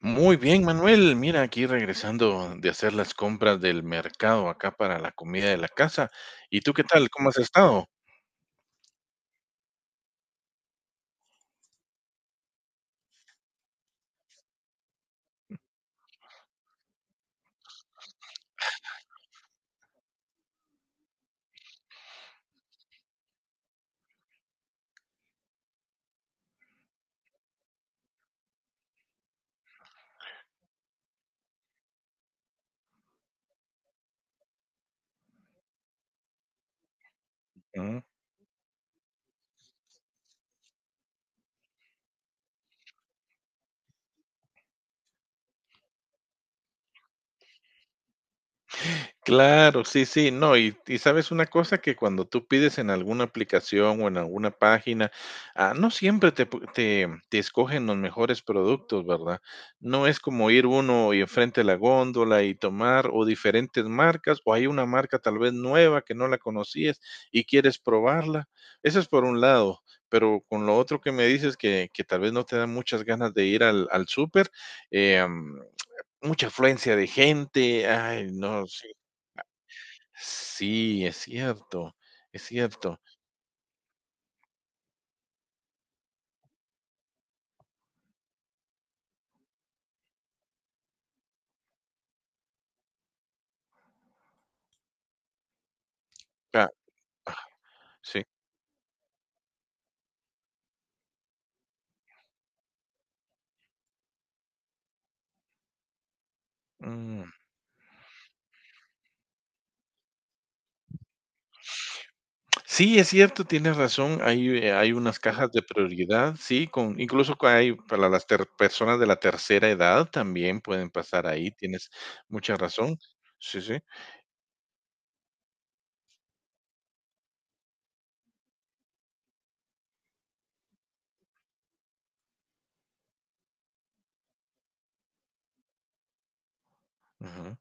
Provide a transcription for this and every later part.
Muy bien, Manuel. Mira, aquí regresando de hacer las compras del mercado acá para la comida de la casa. ¿Y tú qué tal? ¿Cómo has estado? Claro, sí, sí, no, y sabes una cosa que cuando tú pides en alguna aplicación o en alguna página, ah, no siempre te escogen los mejores productos, ¿verdad? No es como ir uno y enfrente a la góndola y tomar o diferentes marcas, o hay una marca tal vez nueva que no la conocías y quieres probarla. Eso es por un lado, pero con lo otro que me dices que tal vez no te dan muchas ganas de ir al súper, eh, mucha afluencia de gente, ay, no, sí. Sí, es cierto, es cierto. Ah, sí. Mm. Sí, es cierto, tienes razón. Hay, hay unas cajas de prioridad, sí, con incluso que hay para las personas de la tercera edad también pueden pasar ahí. Tienes mucha razón. Sí, sí. Ujú,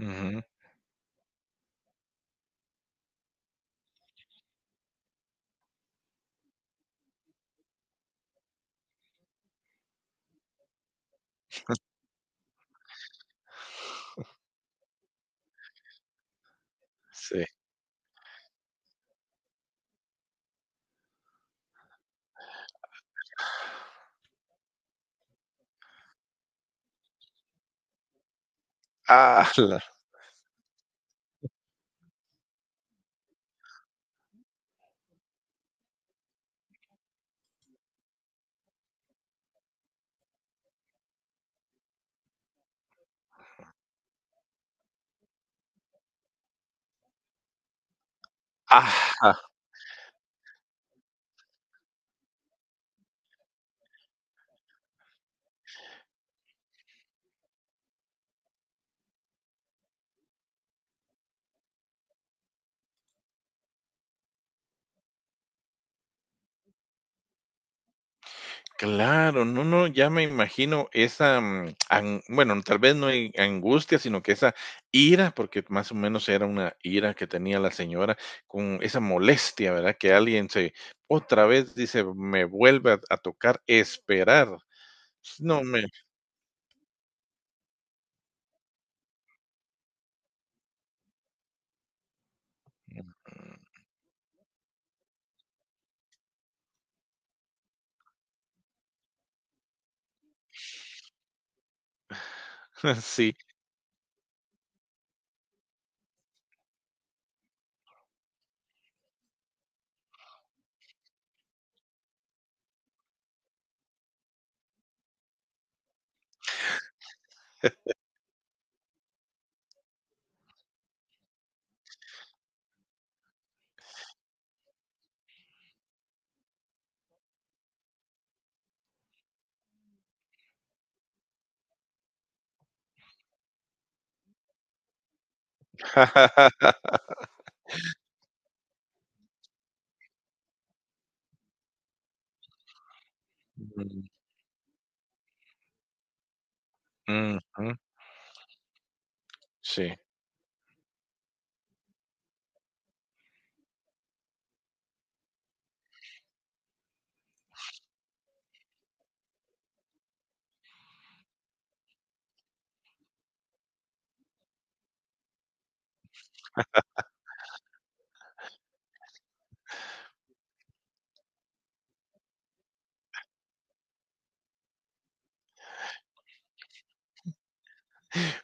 ujú. Sí. Ah, ah. Claro, no, no, ya me imagino esa, mm, bueno, tal vez no hay angustia, sino que esa ira, porque más o menos era una ira que tenía la señora con esa molestia, ¿verdad? Que alguien se, otra vez dice, me vuelve a tocar esperar. No me, sí. Mm, ujú, sí.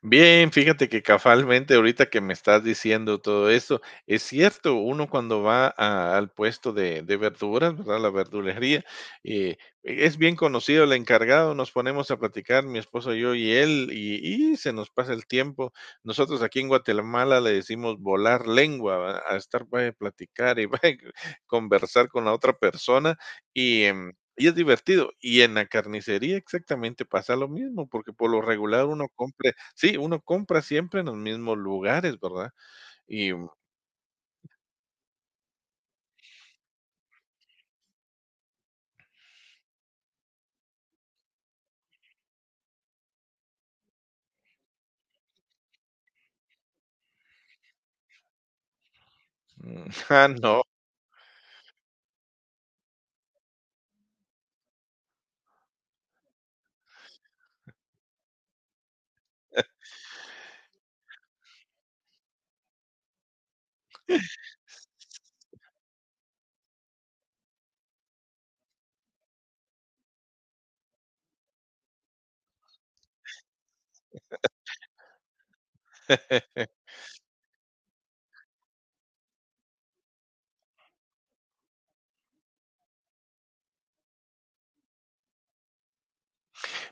Bien, fíjate que casualmente ahorita que me estás diciendo todo eso, es cierto, uno cuando va al puesto de verduras, ¿verdad? La verdulería, eh, es bien conocido el encargado, nos ponemos a platicar, mi esposo, yo y él, y se nos pasa el tiempo. Nosotros aquí en Guatemala le decimos volar lengua, ¿verdad?, a estar para platicar y conversar con la otra persona y... y es divertido. Y en la carnicería exactamente pasa lo mismo, porque por lo regular uno compra. Sí, uno compra siempre en los mismos lugares, ¿verdad? Y, mm, ah, no.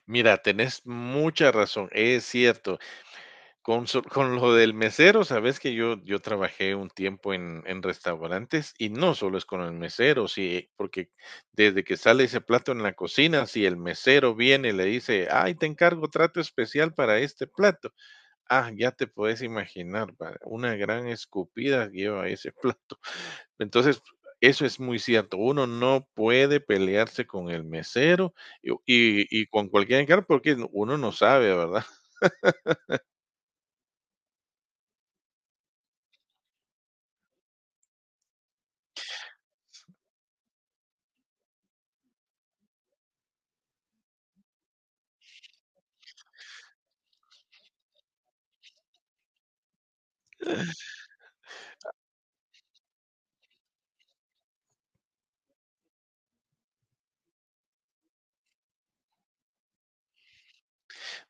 Mira, tenés mucha razón, es cierto. Con so con lo del mesero, sabes que yo trabajé un tiempo en restaurantes y no solo es con el mesero, sí, porque desde que sale ese plato en la cocina, si el mesero viene y le dice: "Ay, te encargo trato especial para este plato". Ah, ya te puedes imaginar, ¿verdad? Una gran escupida lleva ese plato. Entonces, eso es muy cierto. Uno no puede pelearse con el mesero y con cualquier encargo porque no, uno no sabe, ¿verdad?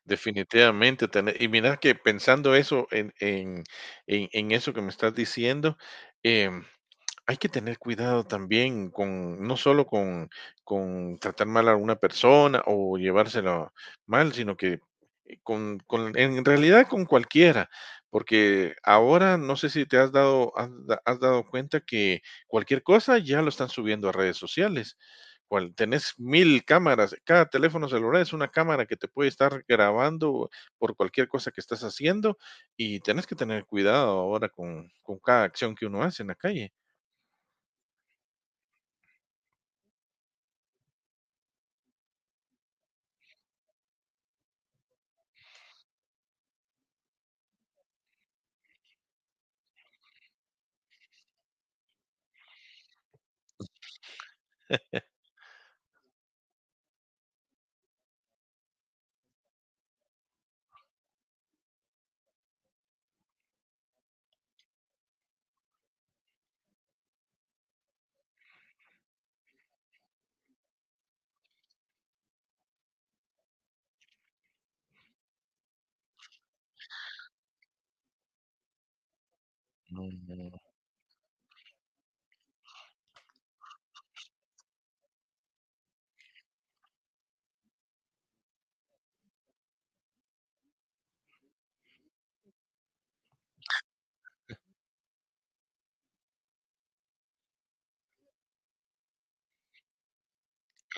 Definitivamente. Y mira que pensando eso en eso que me estás diciendo, em, hay que tener cuidado también con, no solo con tratar mal a una persona o llevárselo mal, sino que en realidad con cualquiera, porque ahora no sé si te has has dado cuenta que cualquier cosa ya lo están subiendo a redes sociales. Cual, tenés mil cámaras, cada teléfono celular es una cámara que te puede estar grabando por cualquier cosa que estás haciendo y tenés que tener cuidado ahora con cada acción que uno hace en la calle. Mm,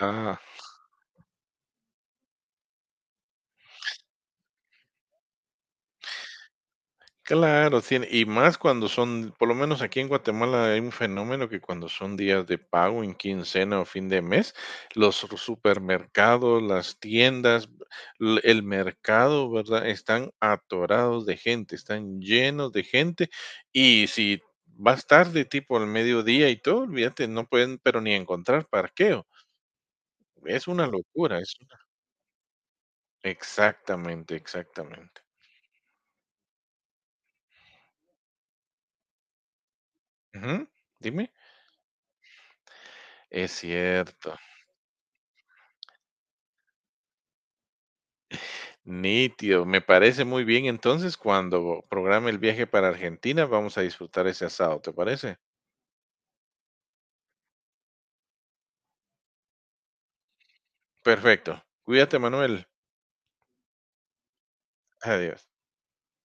ah, claro, tiene y más cuando son, por lo menos aquí en Guatemala hay un fenómeno que cuando son días de pago en quincena o fin de mes, los supermercados, las tiendas, el mercado, ¿verdad?, están atorados de gente, están llenos de gente y si vas tarde, tipo al mediodía y todo, olvídate, no pueden, pero ni encontrar parqueo. Es una locura, es una... Exactamente, exactamente. Ujú. Dime. Es cierto. Nítido, me parece muy bien. Entonces, cuando programe el viaje para Argentina, vamos a disfrutar ese asado, ¿te parece? Perfecto. Cuídate, Manuel. Adiós.